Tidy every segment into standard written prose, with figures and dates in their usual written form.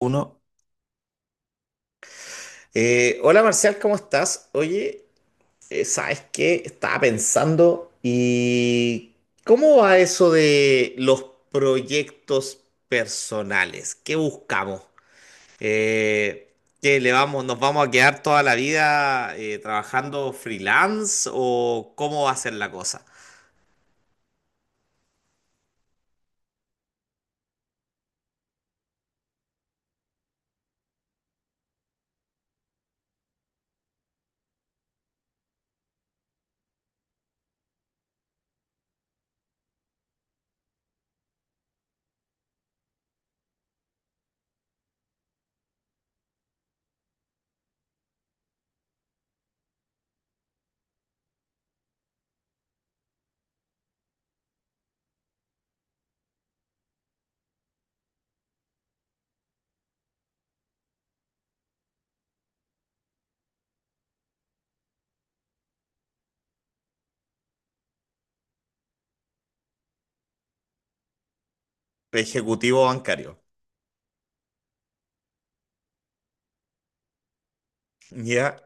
Uno. Hola Marcial, ¿cómo estás? Oye, ¿sabes qué? Estaba pensando y ¿cómo va eso de los proyectos personales? ¿Qué buscamos? Eh, nos vamos a quedar toda la vida trabajando freelance o cómo va a ser la cosa? Ejecutivo bancario. Ya.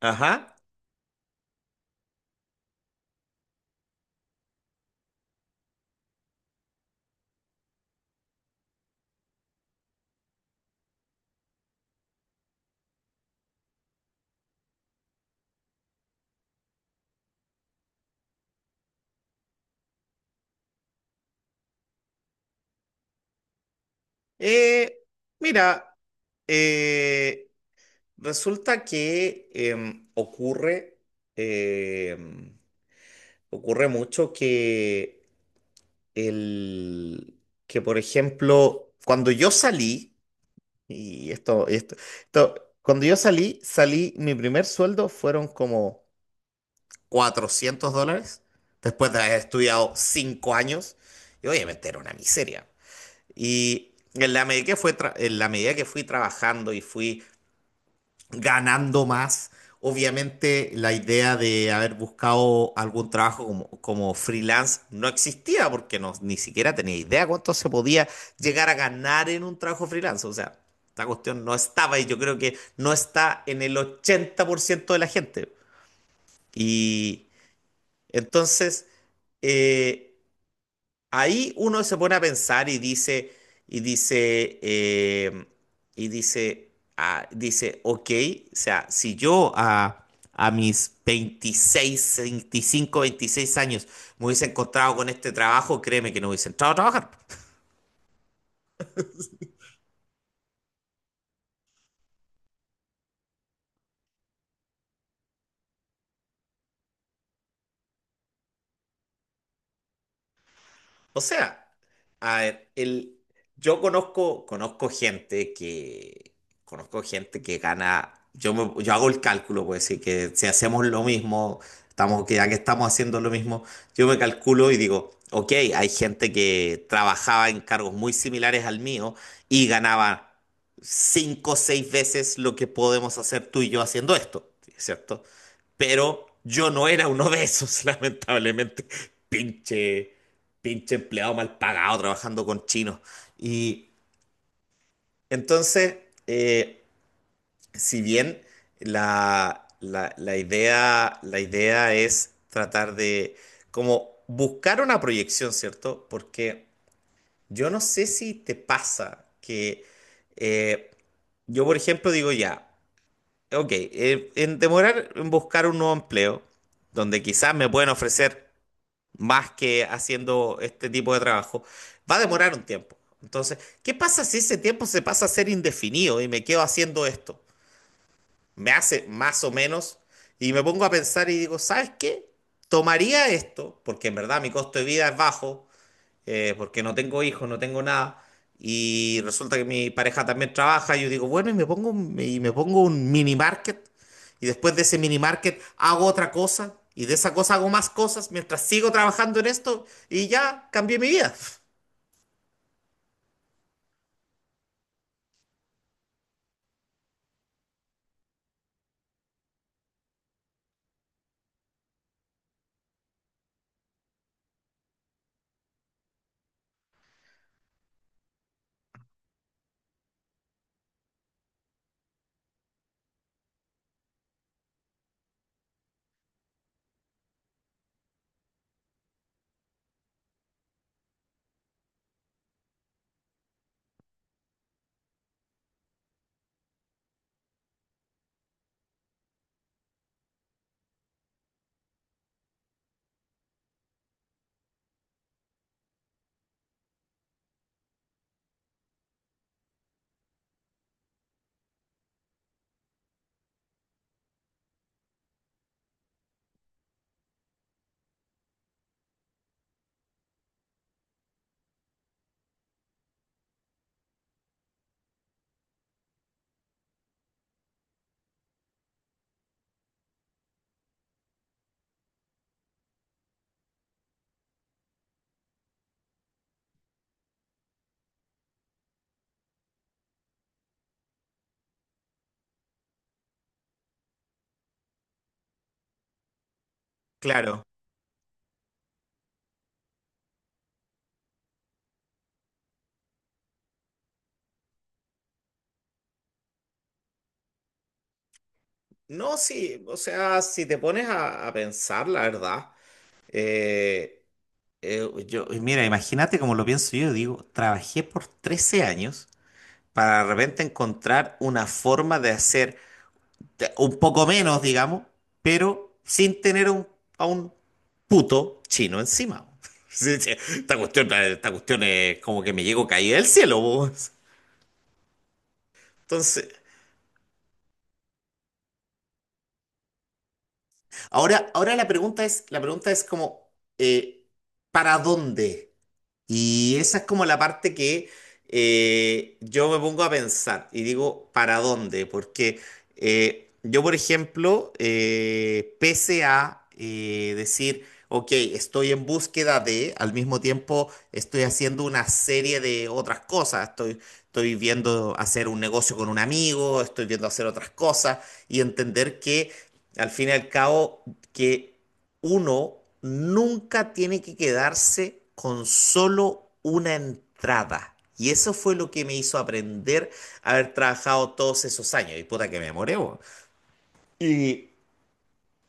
Ajá. Eh, mira. Eh, Resulta que ocurre, em, ocurre mucho que, el, que, por ejemplo, cuando yo salí, cuando yo salí, mi primer sueldo fueron como 400 dólares, después de haber estudiado 5 años, y obviamente era una miseria. Y en la medida que fui trabajando y fui ganando más. Obviamente la idea de haber buscado algún trabajo como freelance no existía porque no, ni siquiera tenía idea cuánto se podía llegar a ganar en un trabajo freelance. O sea, esta cuestión no estaba y yo creo que no está en el 80% de la gente. Y entonces, eh, Ahí uno se pone a pensar y dice, y dice, eh, y dice, ah, dice, ok. O sea, si yo a mis 25, 26 años me hubiese encontrado con este trabajo, créeme que no hubiese entrado a trabajar. O sea, a ver, conozco gente conozco gente que gana. Yo hago el cálculo, pues sí, que si hacemos lo mismo, que ya que estamos haciendo lo mismo, yo me calculo y digo, ok, hay gente que trabajaba en cargos muy similares al mío y ganaba cinco o seis veces lo que podemos hacer tú y yo haciendo esto, ¿cierto? Pero yo no era uno de esos, lamentablemente. Pinche pinche empleado mal pagado trabajando con chinos. Y entonces, eh, si bien la idea es tratar de como buscar una proyección, ¿cierto? Porque yo no sé si te pasa que eh, yo, por ejemplo, digo ya, ok, en demorar en buscar un nuevo empleo, donde quizás me pueden ofrecer más que haciendo este tipo de trabajo, va a demorar un tiempo. Entonces, ¿qué pasa si ese tiempo se pasa a ser indefinido y me quedo haciendo esto? Me hace más o menos y me pongo a pensar y digo, ¿sabes qué? Tomaría esto, porque en verdad mi costo de vida es bajo, porque no tengo hijos, no tengo nada. Y resulta que mi pareja también trabaja. Y yo digo, bueno, y me pongo un mini market. Y después de ese mini market hago otra cosa. Y de esa cosa hago más cosas mientras sigo trabajando en esto. Y ya cambié mi vida. Claro. No, sí, o sea, si te pones a pensar, la verdad, eh, yo, mira, imagínate como lo pienso yo, digo, trabajé por 13 años para de repente encontrar una forma de hacer un poco menos, digamos, pero sin tener a un puto chino encima. Sí, sí, esta cuestión es como que me llego caída del cielo. Po. Entonces, ahora la pregunta es, eh, ¿para dónde? Y esa es como la parte que yo me pongo a pensar y digo, ¿para dónde? Porque yo, por ejemplo, pese a decir, ok, estoy en búsqueda de, al mismo tiempo estoy haciendo una serie de otras cosas, estoy viendo hacer un negocio con un amigo, estoy viendo hacer otras cosas y entender que, al fin y al cabo, que uno nunca tiene que quedarse con solo una entrada. Y eso fue lo que me hizo aprender a haber trabajado todos esos años. Y puta que me demoré, bo. Y,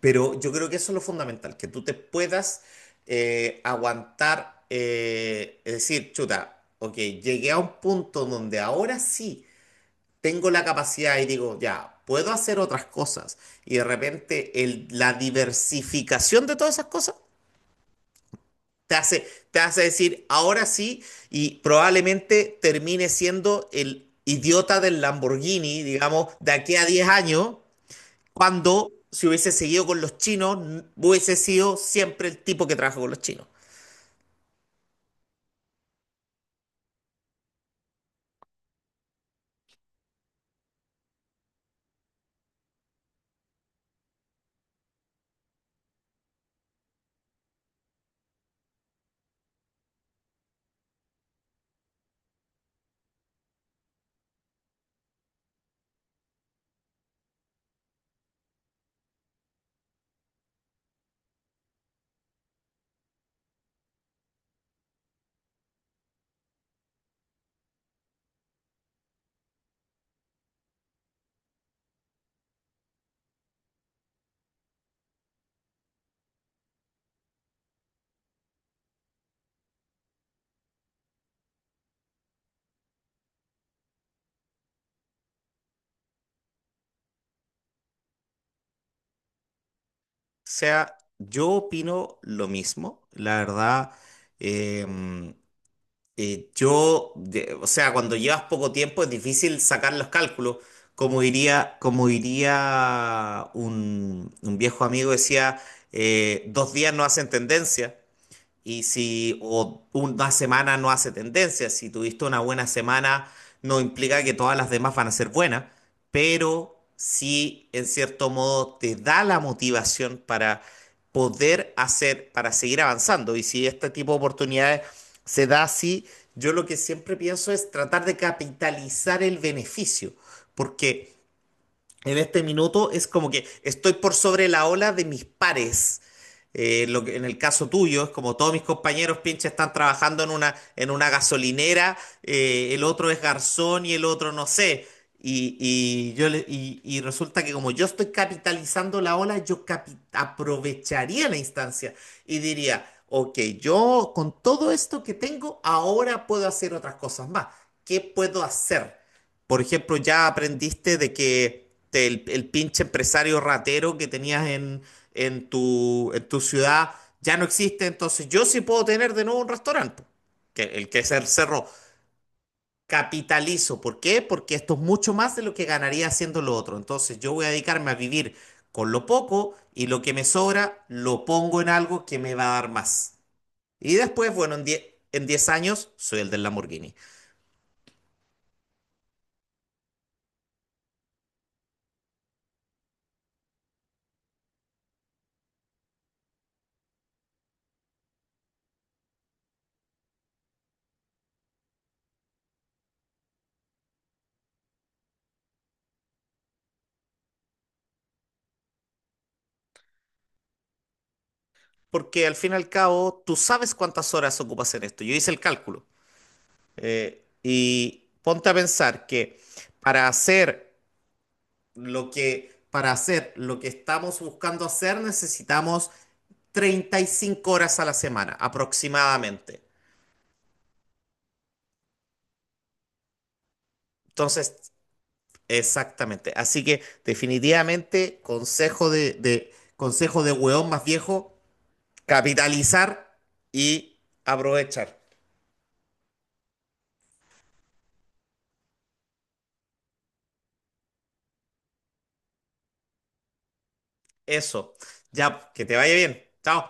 pero yo creo que eso es lo fundamental, que tú te puedas aguantar, es decir, chuta, ok, llegué a un punto donde ahora sí tengo la capacidad y digo, ya, puedo hacer otras cosas. Y de repente la diversificación de todas esas cosas te te hace decir, ahora sí, y probablemente termine siendo el idiota del Lamborghini, digamos, de aquí a 10 años, cuando si hubiese seguido con los chinos, hubiese sido siempre el tipo que trabaja con los chinos. O sea, yo opino lo mismo, la verdad. eh, o sea, cuando llevas poco tiempo es difícil sacar los cálculos. Como diría un viejo amigo, decía, 2 días no hacen tendencia. Y si o una semana no hace tendencia, si tuviste una buena semana, no implica que todas las demás van a ser buenas, pero sí, en cierto modo, te da la motivación para poder hacer, para seguir avanzando. Y si este tipo de oportunidades se da así, yo lo que siempre pienso es tratar de capitalizar el beneficio, porque en este minuto es como que estoy por sobre la ola de mis pares. En el caso tuyo, es como todos mis compañeros pinches están trabajando en una gasolinera, el otro es garzón y el otro no sé. Y resulta que como yo estoy capitalizando la ola, aprovecharía la instancia y diría, ok, yo con todo esto que tengo, ahora puedo hacer otras cosas más. ¿Qué puedo hacer? Por ejemplo, ya aprendiste de que el pinche empresario ratero que tenías en tu ciudad ya no existe, entonces yo sí puedo tener de nuevo un restaurante, po, que, el que se cerró. Capitalizo. ¿Por qué? Porque esto es mucho más de lo que ganaría haciendo lo otro. Entonces yo voy a dedicarme a vivir con lo poco y lo que me sobra lo pongo en algo que me va a dar más. Y después, bueno, en 10 años soy el del Lamborghini. Porque al fin y al cabo tú sabes cuántas horas ocupas en esto. Yo hice el cálculo. Y ponte a pensar que para hacer para hacer lo que estamos buscando hacer necesitamos 35 horas a la semana aproximadamente. Entonces, exactamente. Así que definitivamente consejo de consejo de hueón más viejo, capitalizar y aprovechar. Eso. Ya, que te vaya bien. Chao.